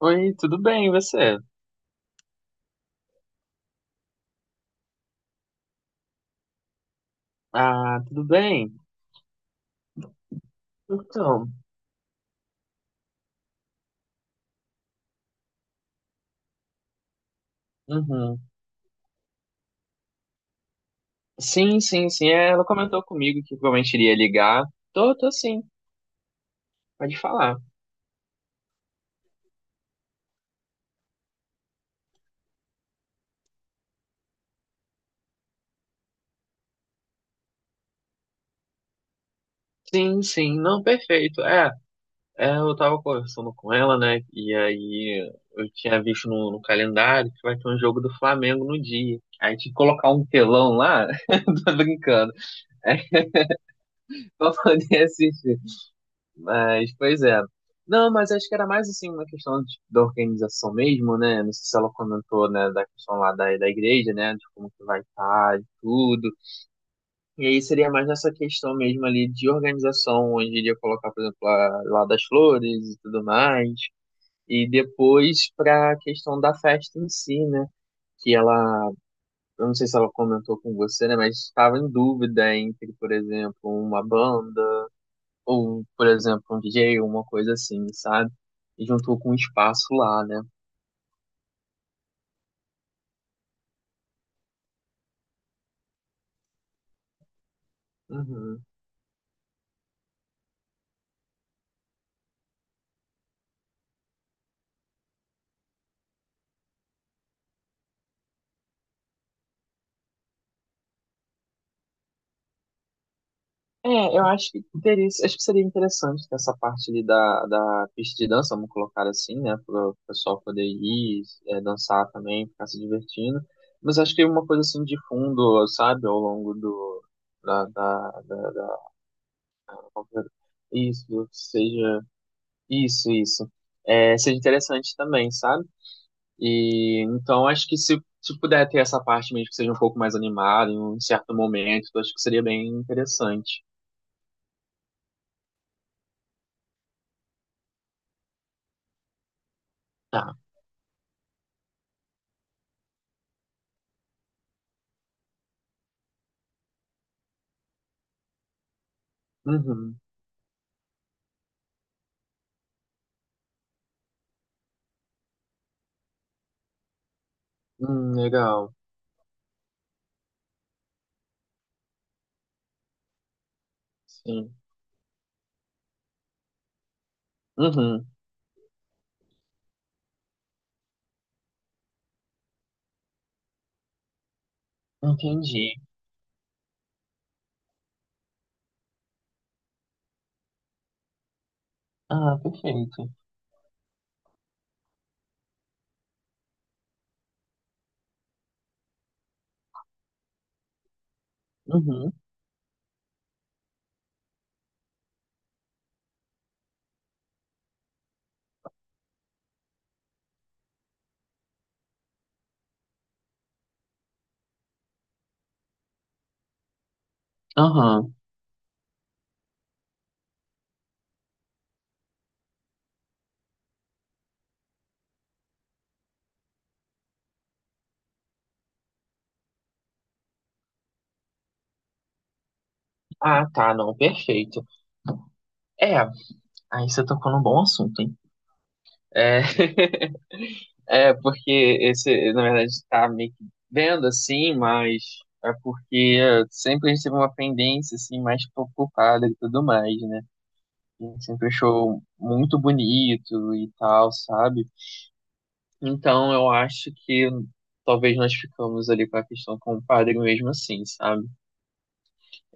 Oi, tudo bem, e você? Ah, tudo bem? Então, uhum. Sim, sim, sim. Ela comentou comigo que provavelmente iria ligar. Tô sim, pode falar. Sim, sim, não, perfeito. Eu tava conversando com ela, né? E aí eu tinha visto no calendário que vai ter um jogo do Flamengo no dia. Aí tinha que colocar um telão lá, tô brincando. É, pra poder assistir. Mas, pois é. Não, mas acho que era mais assim uma questão da organização mesmo, né? Não sei se ela comentou, né, da questão lá da igreja, né? De como que vai estar e tudo. E aí seria mais nessa questão mesmo ali de organização, onde iria colocar, por exemplo, lá das flores e tudo mais. E depois para a questão da festa em si, né? Que ela, eu não sei se ela comentou com você, né? Mas estava em dúvida entre, por exemplo, uma banda ou, por exemplo, um DJ, uma coisa assim, sabe? E juntou com um espaço lá, né? Uhum. É, eu acho que teria, acho que seria interessante ter essa parte ali da pista de dança, vamos colocar assim, né? Para o pessoal poder ir, dançar também, ficar se divertindo. Mas acho que uma coisa assim de fundo, sabe, ao longo do, da, da, da, da- isso, seja, isso, isso. É, seja interessante também, sabe? E então acho que se puder ter essa parte mesmo que seja um pouco mais animada em um certo momento, eu acho que seria bem interessante. Tá. Uhum. Legal. Sim. Uhum. Entendi. Ah, perfeito. Uhum. Aham. Ah, tá, não, perfeito. É, aí você tocou num bom assunto, hein? É, é porque na verdade, tá meio que vendo assim, mas é porque sempre a gente teve uma pendência assim mais preocupada e tudo mais, né? Ele sempre achou muito bonito e tal, sabe? Então eu acho que talvez nós ficamos ali com a questão com o padre mesmo assim, sabe?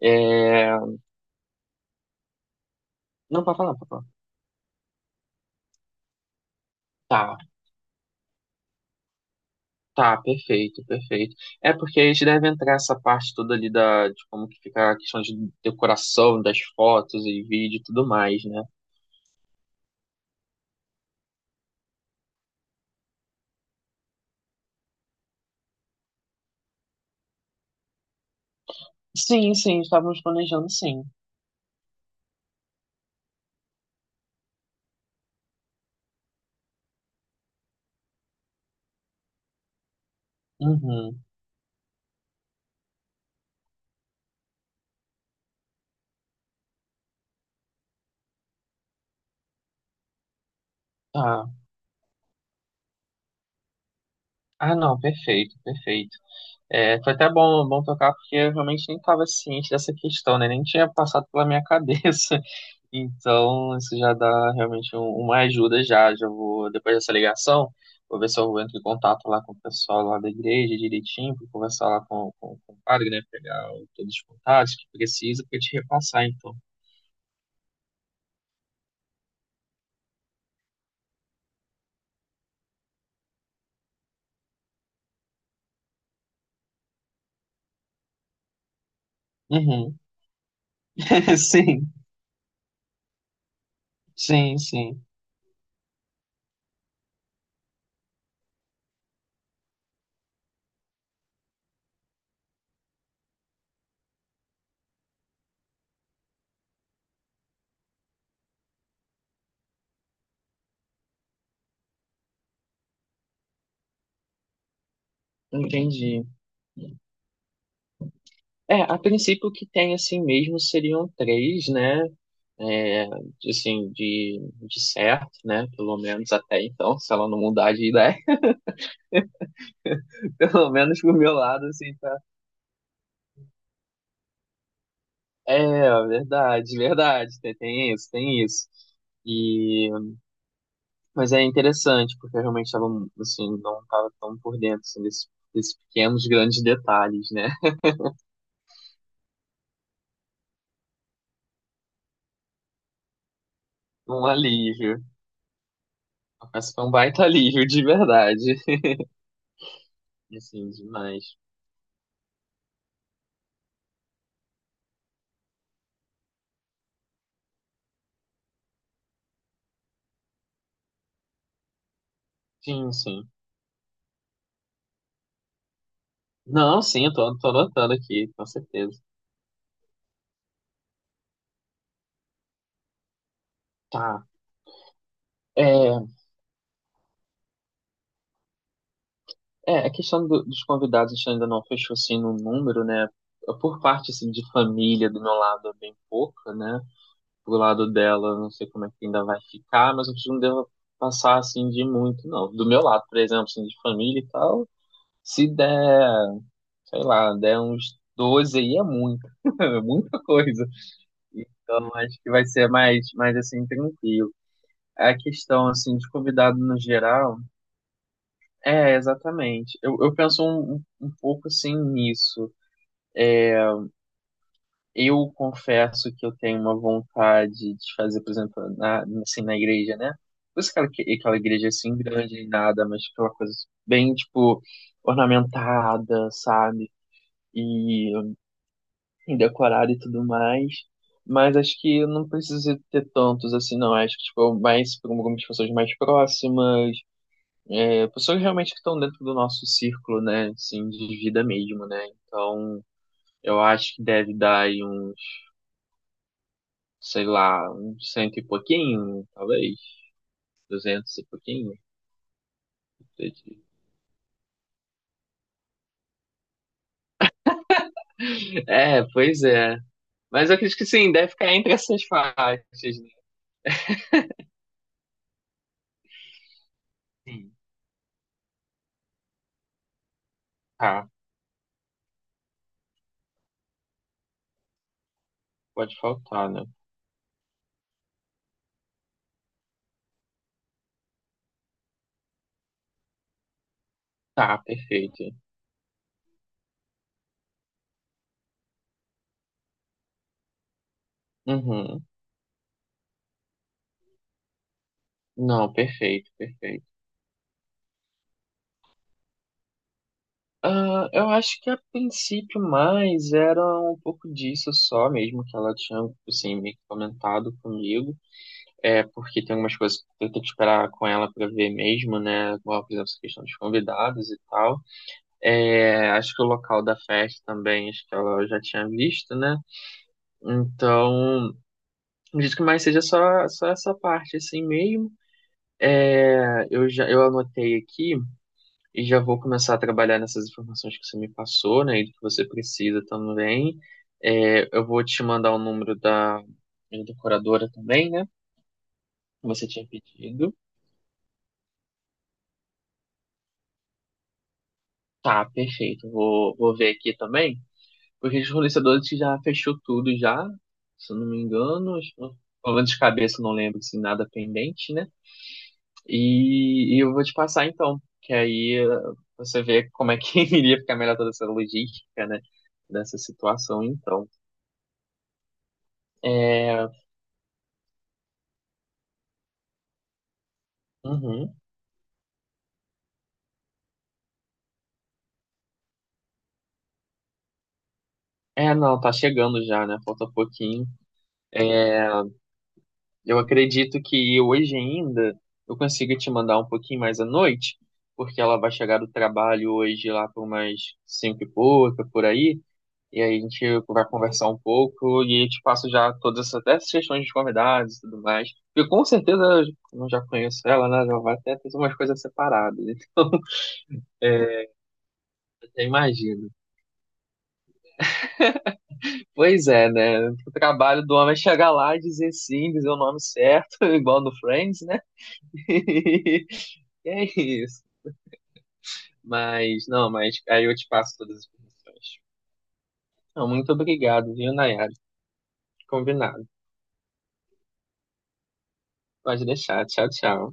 É... Não, pode falar, pode falar. Tá, tá, perfeito, perfeito. É porque a gente deve entrar essa parte toda ali de como que fica a questão de decoração, das fotos e vídeo e tudo mais, né? Sim, sim, estávamos planejando sim. Uhum, tá. Ah, não, perfeito, perfeito. É, foi até bom, bom tocar, porque eu realmente nem estava ciente dessa questão, né? Nem tinha passado pela minha cabeça. Então, isso já dá realmente uma ajuda já. Já vou, depois dessa ligação, vou ver se eu entro em contato lá com o pessoal lá da igreja direitinho, para conversar lá com o padre, né? Pegar todos os contatos que precisa para te repassar, então. Uhum. Sim, sim, sim. Entendi. É, a princípio o que tem assim mesmo seriam três, né? É, assim, de certo, né? Pelo menos até então, se ela não mudar de ideia, pelo menos pro meu lado, assim, tá. É, verdade, verdade, tem isso, tem isso. E, mas é interessante, porque eu realmente estava, assim, não estava tão por dentro, assim, desses pequenos, grandes detalhes, né? Um alívio. Mas foi um baita alívio, de verdade. Assim, demais. Sim, sim. Não, sim, eu tô anotando aqui, com certeza. Tá. É, a questão dos convidados a gente ainda não fechou assim no número, né? Por parte assim, de família, do meu lado é bem pouca, né? Do lado dela, eu não sei como é que ainda vai ficar, mas eu acho que não devo passar assim de muito, não. Do meu lado, por exemplo, assim, de família e tal, se der, sei lá, der uns 12 aí é muito, é muita coisa. Então acho que vai ser mais assim, tranquilo. A questão assim de convidado no geral. É, exatamente. Eu penso um pouco assim nisso. Eu confesso que eu tenho uma vontade de fazer, por exemplo, assim, na igreja, né? Por isso aquela igreja é, assim grande e nada, mas tipo, aquela coisa bem, tipo, ornamentada, sabe? E, e decorada e tudo mais. Mas acho que eu não preciso ter tantos assim, não. Acho que, tipo, mais para algumas pessoas mais próximas, pessoas realmente que estão dentro do nosso círculo, né, assim, de vida mesmo, né? Então, eu acho que deve dar aí uns, sei lá, uns cento e pouquinho, talvez, duzentos e pouquinho. É, pois é. Mas eu acredito que sim, deve ficar entre essas faixas, né? Sim. Tá, pode faltar, né? Tá, perfeito. Uhum. Não, perfeito, perfeito. Ah, eu acho que a princípio mais era um pouco disso só mesmo que ela tinha assim, meio que comentado comigo. É porque tem algumas coisas que eu tenho que esperar com ela pra ver mesmo, né? Igual, por exemplo, essa questão dos convidados e tal. É, acho que o local da festa também, acho que ela já tinha visto, né? Então, acredito que mais seja só essa parte assim mesmo. É, eu já eu anotei aqui. E já vou começar a trabalhar nessas informações que você me passou, né? E do que você precisa também. É, eu vou te mandar o número da minha decoradora também, né? Que você tinha pedido. Tá, perfeito. Vou ver aqui também. Porque os fornecedores já fechou tudo já, se eu não me engano. Pelo menos de cabeça eu não lembro se nada pendente, né? E eu vou te passar então, que aí você vê como é que iria ficar melhor toda essa logística, né? Dessa situação, então. É, Uhum. É, não, tá chegando já, né? Falta pouquinho. É, eu acredito que hoje ainda eu consigo te mandar um pouquinho mais à noite, porque ela vai chegar do trabalho hoje lá por umas cinco e pouca, por aí, e aí a gente vai conversar um pouco e eu te passo já todas essas, até essas questões de convidados e tudo mais. Porque com certeza eu já conheço ela, né? Já vai até ter umas coisas separadas, então eu até imagino. Pois é, né? O trabalho do homem é chegar lá e dizer sim, dizer o nome certo, igual no Friends, né? E é isso. Mas, não, mas aí eu te passo todas as informações. Não, muito obrigado, viu, Nayara? Combinado. Pode deixar. Tchau, tchau.